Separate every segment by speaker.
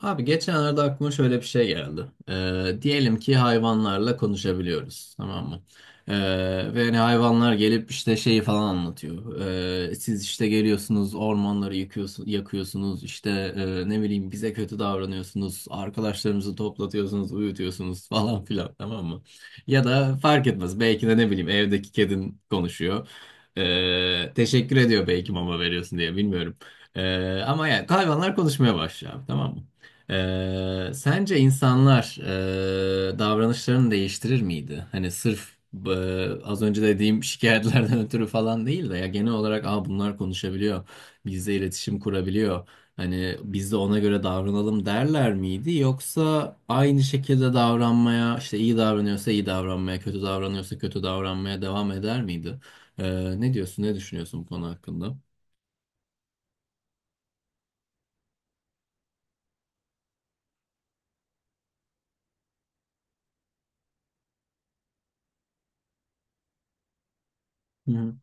Speaker 1: Abi geçenlerde aklıma şöyle bir şey geldi. Diyelim ki hayvanlarla konuşabiliyoruz, tamam mı? Ee, Ve hani hayvanlar gelip işte şeyi falan anlatıyor. Siz işte geliyorsunuz, ormanları yıkıyorsun, yakıyorsunuz, işte ne bileyim bize kötü davranıyorsunuz, arkadaşlarımızı toplatıyorsunuz, uyutuyorsunuz falan filan, tamam mı? Ya da fark etmez, belki de ne bileyim evdeki kedin konuşuyor. Teşekkür ediyor belki mama veriyorsun diye, bilmiyorum. Ama yani hayvanlar konuşmaya başlıyor, abi, tamam mı? Sence insanlar davranışlarını değiştirir miydi? Hani sırf e, az önce dediğim şikayetlerden ötürü falan değil de ya genel olarak aa, bunlar konuşabiliyor, bizle iletişim kurabiliyor. Hani biz de ona göre davranalım derler miydi? Yoksa aynı şekilde davranmaya, işte iyi davranıyorsa iyi davranmaya, kötü davranıyorsa kötü davranmaya devam eder miydi? Ne diyorsun, ne düşünüyorsun bu konu hakkında? Hı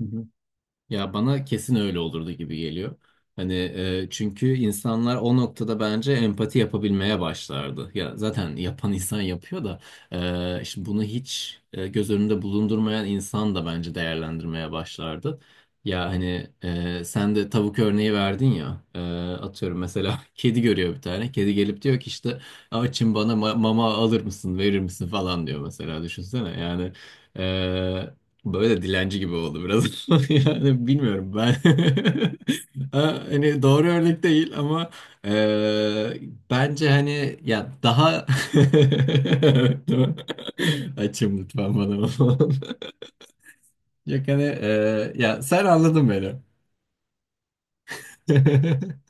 Speaker 1: hı. Ya bana kesin öyle olurdu gibi geliyor. Hani çünkü insanlar o noktada bence empati yapabilmeye başlardı. Ya zaten yapan insan yapıyor da şimdi bunu hiç göz önünde bulundurmayan insan da bence değerlendirmeye başlardı. Ya hani sen de tavuk örneği verdin ya, atıyorum mesela kedi görüyor, bir tane kedi gelip diyor ki işte açım, bana mama alır mısın, verir misin falan diyor mesela, düşünsene yani. Böyle de dilenci gibi oldu biraz. Yani bilmiyorum ben. Ha, hani doğru örnek değil ama eee, bence hani ya daha evet, değil mi? Açım lütfen bana. Yok hani ya sen anladın beni.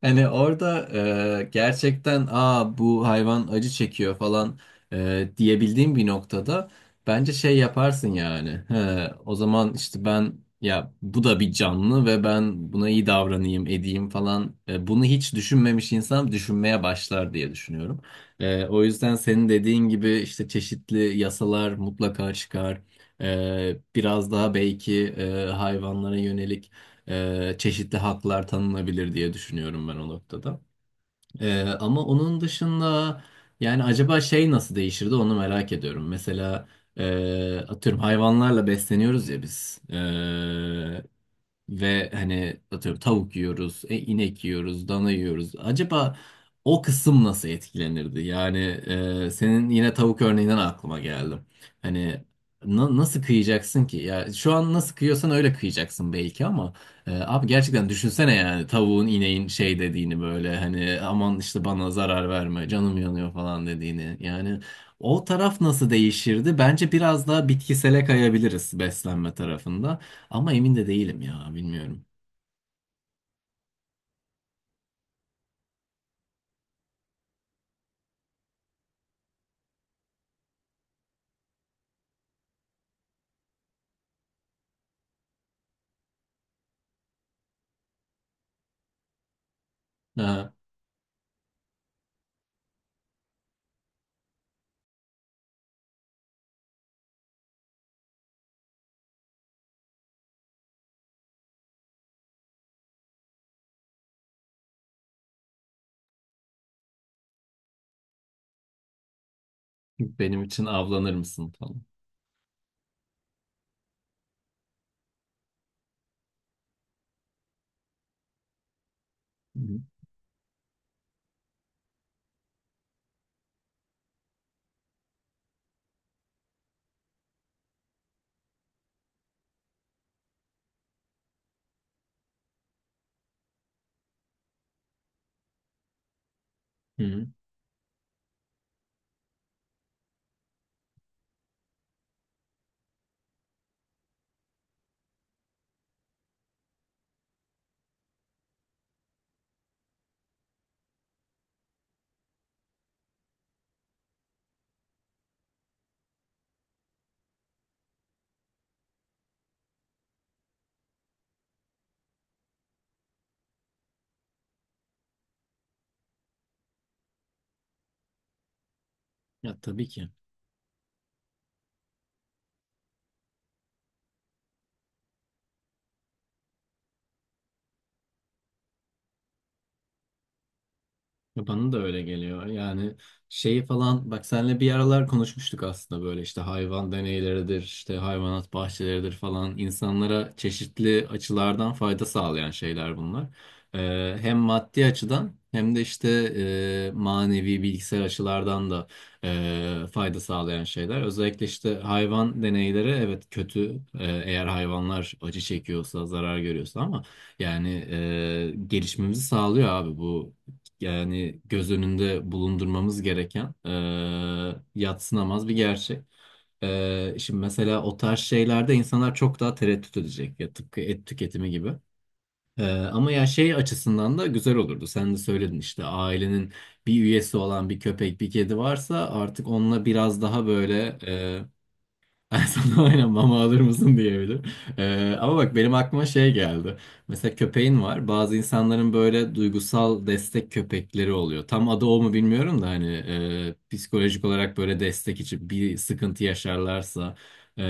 Speaker 1: Hani orada gerçekten aa bu hayvan acı çekiyor falan diyebildiğim bir noktada bence şey yaparsın yani. He, o zaman işte ben, ya bu da bir canlı ve ben buna iyi davranayım edeyim falan. E, bunu hiç düşünmemiş insan düşünmeye başlar diye düşünüyorum. E, o yüzden senin dediğin gibi işte çeşitli yasalar mutlaka çıkar. E, biraz daha belki hayvanlara yönelik çeşitli haklar tanınabilir diye düşünüyorum ben o noktada. E, ama onun dışında yani acaba şey nasıl değişirdi onu merak ediyorum. Mesela atıyorum hayvanlarla besleniyoruz ya biz. E, ve hani atıyorum tavuk yiyoruz, inek yiyoruz, dana yiyoruz. Acaba o kısım nasıl etkilenirdi? Yani senin yine tavuk örneğinden aklıma geldi. Hani nasıl kıyacaksın ki? Ya şu an nasıl kıyıyorsan öyle kıyacaksın belki ama abi gerçekten düşünsene yani tavuğun, ineğin şey dediğini, böyle hani aman işte bana zarar verme, canım yanıyor falan dediğini. Yani o taraf nasıl değişirdi? Bence biraz daha bitkisele kayabiliriz beslenme tarafında. Ama emin de değilim ya, bilmiyorum. Ha, benim için avlanır mısın falan. Hı hı. Hı hı. Ya tabii ki. Ya bana da öyle geliyor. Yani şeyi falan bak senle bir aralar konuşmuştuk aslında, böyle işte hayvan deneyleridir, işte hayvanat bahçeleridir falan, insanlara çeşitli açılardan fayda sağlayan şeyler bunlar. Hem maddi açıdan hem de işte manevi bilgisayar açılardan da fayda sağlayan şeyler. Özellikle işte hayvan deneyleri evet kötü, eğer hayvanlar acı çekiyorsa, zarar görüyorsa, ama yani gelişmemizi sağlıyor abi bu, yani göz önünde bulundurmamız gereken yadsınamaz bir gerçek. E, şimdi mesela o tarz şeylerde insanlar çok daha tereddüt edecek ya, tıpkı et tüketimi gibi. E, ama ya şey açısından da güzel olurdu. Sen de söyledin işte ailenin bir üyesi olan bir köpek, bir kedi varsa artık onunla biraz daha böyle sana aynen mama alır mısın diyebilir. Ama bak benim aklıma şey geldi. Mesela köpeğin var. Bazı insanların böyle duygusal destek köpekleri oluyor. Tam adı o mu bilmiyorum da, hani psikolojik olarak böyle destek için bir sıkıntı yaşarlarsa, e,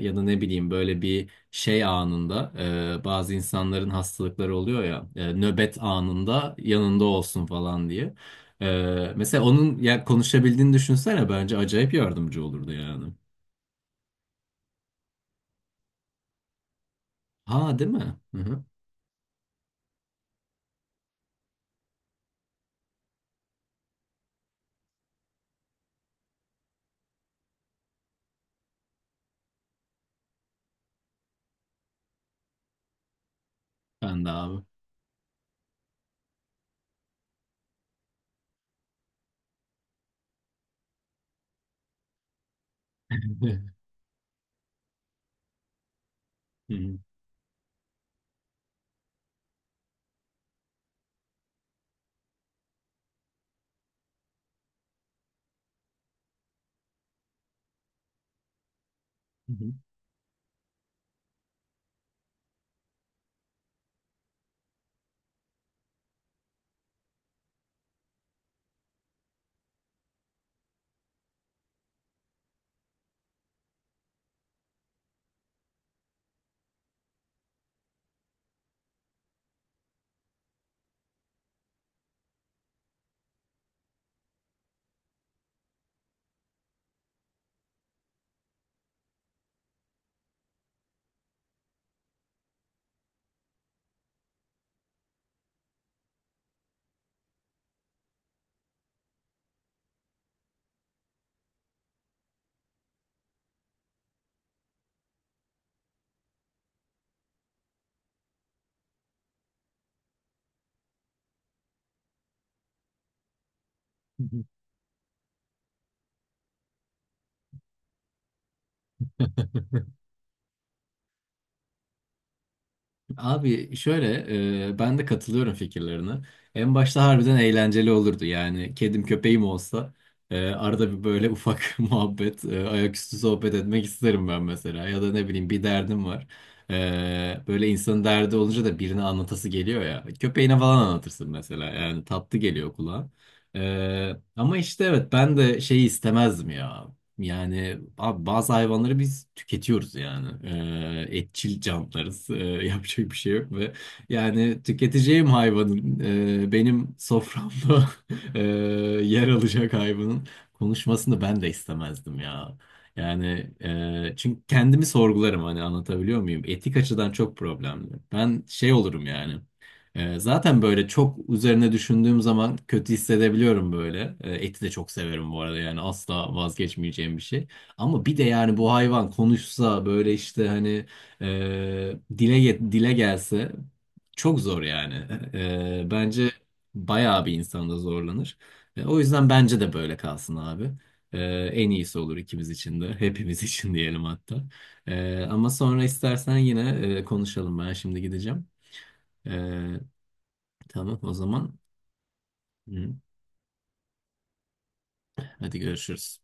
Speaker 1: ya da ne bileyim böyle bir şey anında, bazı insanların hastalıkları oluyor ya, nöbet anında yanında olsun falan diye. E, mesela onun ya konuşabildiğini düşünsene, bence acayip yardımcı olurdu yani. Ha, değil mi? Hı hı. Ben de abi. Hı hı. Hı hı. Abi şöyle, ben de katılıyorum fikirlerine. En başta harbiden eğlenceli olurdu yani kedim köpeğim olsa arada bir böyle ufak muhabbet, ayaküstü sohbet etmek isterim ben mesela, ya da ne bileyim bir derdim var. E, böyle insanın derdi olunca da birine anlatası geliyor ya, köpeğine falan anlatırsın mesela, yani tatlı geliyor kulağa. E, ama işte evet ben de şeyi istemezdim ya. Yani abi bazı hayvanları biz tüketiyoruz yani. Etçil canlılarız. Yapacak bir şey yok, ve yani tüketeceğim hayvanın, benim soframda e, yer alacak hayvanın konuşmasını ben de istemezdim ya. Yani çünkü kendimi sorgularım, hani anlatabiliyor muyum? Etik açıdan çok problemli. Ben şey olurum yani. Zaten böyle çok üzerine düşündüğüm zaman kötü hissedebiliyorum böyle. Eti de çok severim bu arada, yani asla vazgeçmeyeceğim bir şey. Ama bir de yani bu hayvan konuşsa böyle işte hani dile gelse, çok zor yani. Bence bayağı bir insan da zorlanır. E, o yüzden bence de böyle kalsın abi. Ee, En iyisi olur ikimiz için de, hepimiz için diyelim hatta. Ama sonra istersen yine konuşalım. Ben şimdi gideceğim. Ee, Tamam o zaman. Hı. Hadi görüşürüz.